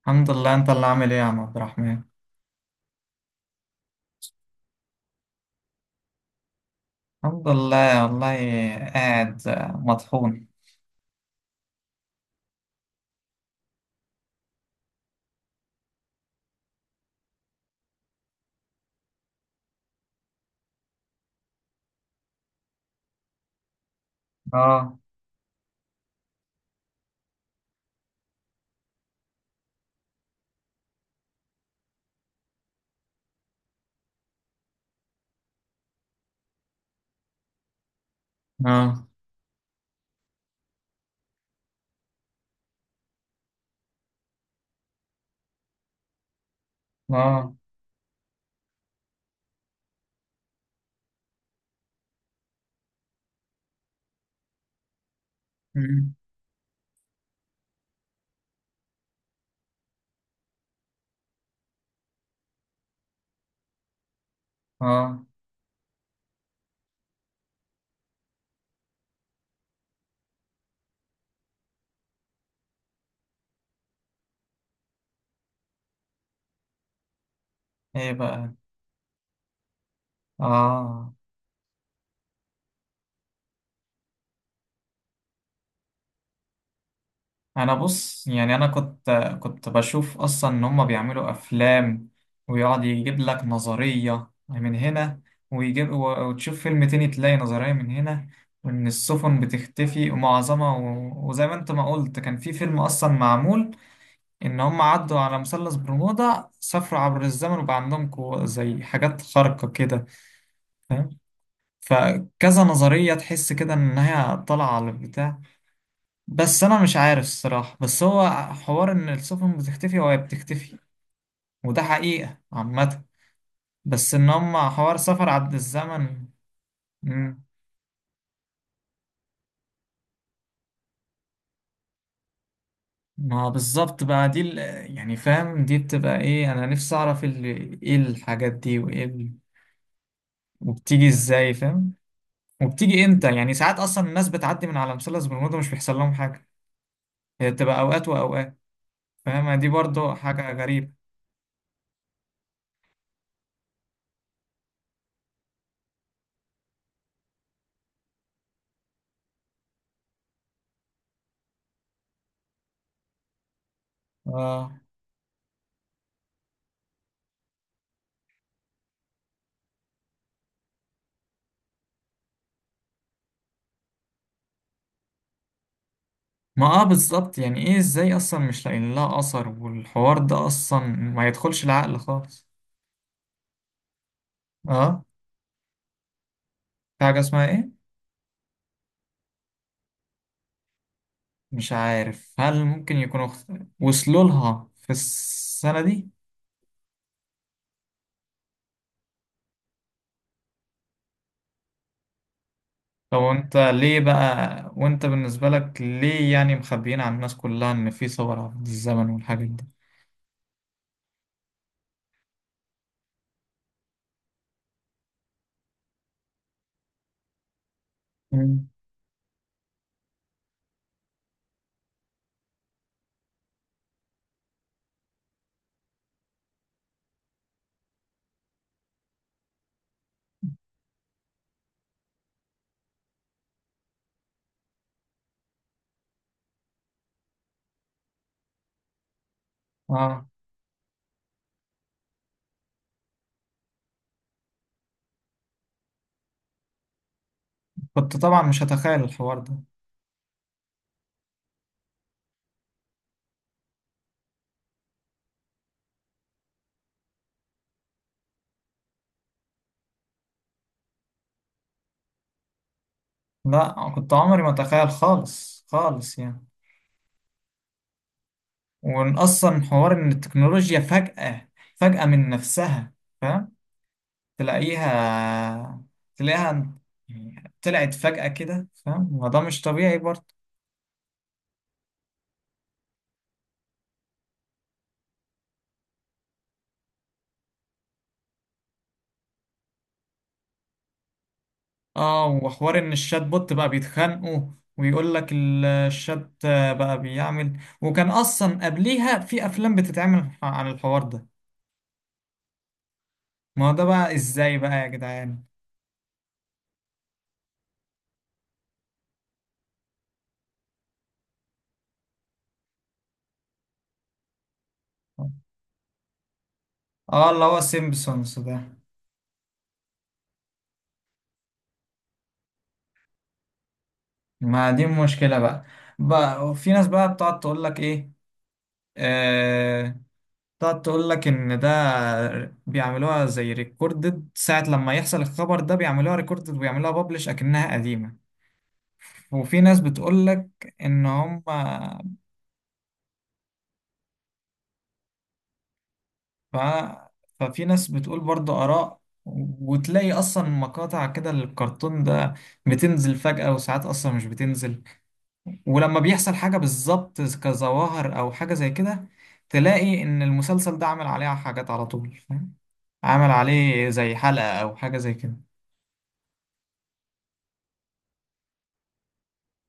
الحمد لله. انت اللي عامل ايه يا عم عبد الرحمن؟ الحمد لله والله. قاعد مطحون. اه. اه. اه. مم. اه. ايه بقى. اه، انا بص يعني انا كنت كنت بشوف اصلا ان هم بيعملوا افلام، ويقعد يجيب لك نظرية من هنا، ويجيب وتشوف فيلم تاني تلاقي نظرية من هنا، وان السفن بتختفي ومعظمها وزي ما انت ما قلت كان في فيلم اصلا معمول ان هم عدوا على مثلث برمودا، سافروا عبر الزمن وبقى عندهم قوة زي حاجات خارقة كده، فاهم؟ فكذا نظرية تحس كده ان هي طالعة على البتاع. بس انا مش عارف الصراحة، بس هو حوار ان السفن بتختفي وهي بتختفي، وده حقيقة عامة، بس ان هم حوار سفر عبر الزمن. مم. ما بالظبط بقى، يعني فاهم دي بتبقى ايه؟ انا نفسي اعرف ايه الحاجات دي، وايه وبتيجي ازاي فاهم، وبتيجي امتى؟ يعني ساعات اصلا الناس بتعدي من على مثلث برمودا مش بيحصل لهم حاجه، هي بتبقى اوقات واوقات، فاهمة؟ دي برضو حاجه غريبه. اه، ما اه بالظبط. يعني ايه ازاي اصلا مش لاقيين لها اثر؟ والحوار ده اصلا ما يدخلش العقل خالص. اه. في حاجه اسمها ايه؟ مش عارف هل ممكن وصلوا لها في السنه دي؟ طب انت ليه بقى، وانت بالنسبه لك ليه يعني مخبيين عن الناس كلها ان في ثوره في الزمن والحاجات دي؟ مم. اه، كنت طبعا مش هتخيل الحوار ده. لا، كنت عمري ما اتخيل خالص خالص يعني، وان اصلا حوار ان التكنولوجيا فجأة من نفسها، فاهم، تلاقيها، تلاقيها، يعني طلعت فجأة كده، فاهم؟ ما ده مش طبيعي برضه. اه، وحوار ان الشات بوت بقى بيتخانقوا، ويقول لك الشات بقى بيعمل، وكان اصلا قبليها في افلام بتتعمل عن الحوار ده. ما هو ده بقى ازاي بقى يا جدعان؟ اه، اللي هو سيمبسونز ده. ما دي مشكلة بقى. في ناس بقى بتقعد تقول لك ايه، آه، بتقعد تقول لك ان ده بيعملوها زي ريكوردد، ساعة لما يحصل الخبر ده بيعملوها ريكوردد ويعملوها بابلش اكنها قديمة. وفي ناس بتقول لك ان هم ف... ففي ناس بتقول برضه آراء، وتلاقي اصلا مقاطع كده للكرتون ده بتنزل فجأة، وساعات اصلا مش بتنزل، ولما بيحصل حاجة بالظبط كظواهر أو حاجة زي كده تلاقي إن المسلسل ده عمل عليه حاجات على طول، فاهم، عمل عليه زي حلقة أو حاجة زي كده.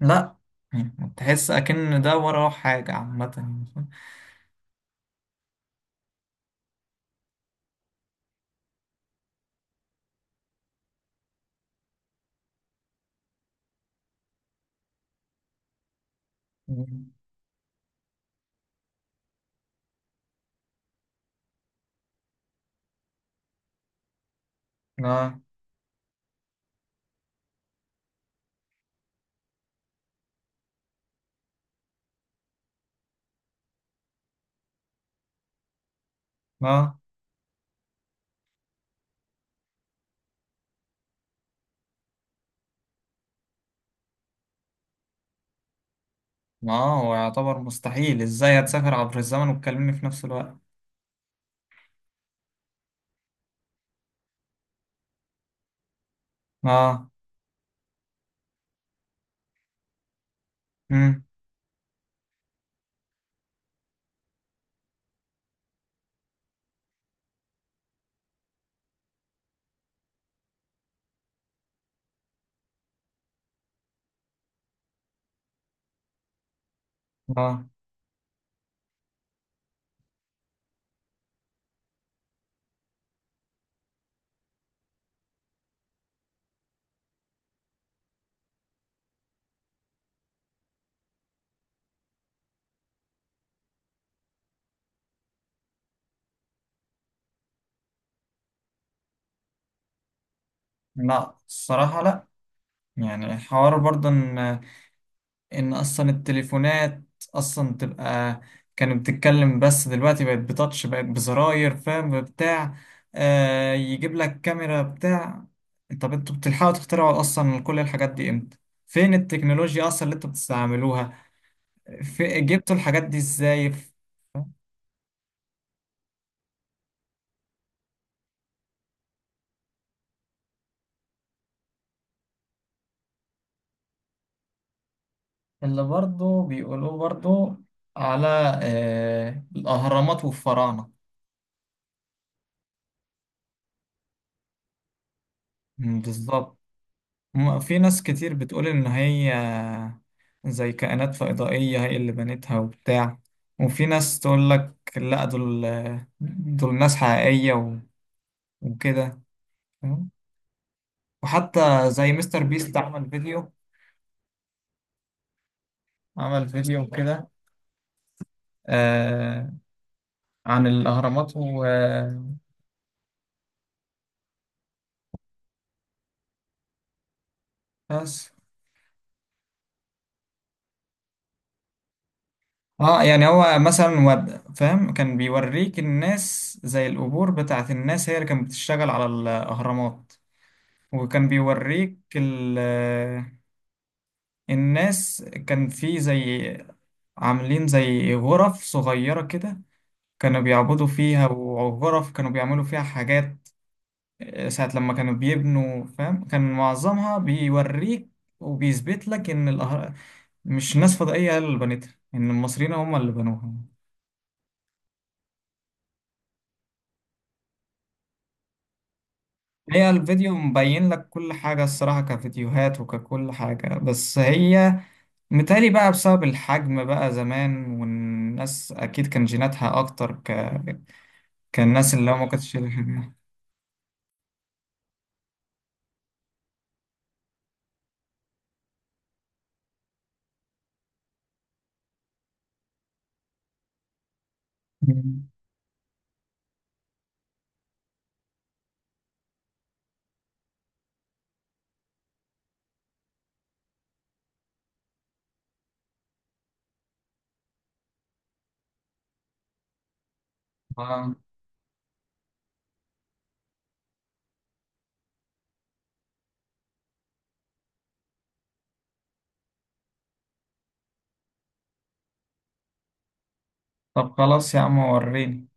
لا. يعني تحس أكن ده وراه حاجة عامة يعني. فاهم؟ لا. لا، ما هو يعتبر مستحيل، إزاي هتسافر عبر الزمن وتكلمني في نفس الوقت؟ آه. مم. آه. لا، الصراحة لا. يعني حوار برضه إن ان اصلا التليفونات اصلا تبقى كانت بتتكلم، بس دلوقتي بقت بتاتش، بقت بزراير، فاهم، بتاع، آه يجيب لك كاميرا بتاع. طب انتوا بتلحقوا تخترعوا اصلا كل الحاجات دي امتى؟ فين التكنولوجيا اصلا اللي انتوا بتستعملوها؟ في جبتوا الحاجات دي ازاي؟ اللي برضو بيقولوه برضو، على، آه، الاهرامات والفراعنة. مم، بالظبط. في ناس كتير بتقول إن هي زي كائنات فضائية هي اللي بنتها وبتاع، وفي ناس تقول لك لا، دول ناس حقيقية وكده، فاهم؟ وحتى زي مستر بيست عمل فيديو، عمل فيديو كده، آه، عن الأهرامات وبس. اه، يعني هو مثلا فاهم كان بيوريك الناس زي القبور بتاعت الناس هي اللي كانت بتشتغل على الأهرامات، وكان بيوريك الناس، كان في زي عاملين زي غرف صغيرة كده، كانوا بيعبدوا فيها، وغرف كانوا بيعملوا فيها حاجات، آه، ساعة لما كانوا بيبنوا، فاهم؟ كان معظمها بيوريك، وبيثبت لك إن الأهر... مش ناس فضائية هي اللي بنتها، إن المصريين هم اللي بنوها. هي الفيديو مبين لك كل حاجة الصراحة، كفيديوهات وككل حاجة، بس هي متهيألي بقى بسبب الحجم بقى زمان، والناس أكيد كان جيناتها أكتر ك... كان الناس اللي هو ما كانتش شايلة حاجة. مم. آه. طب خلاص يا عم وريني.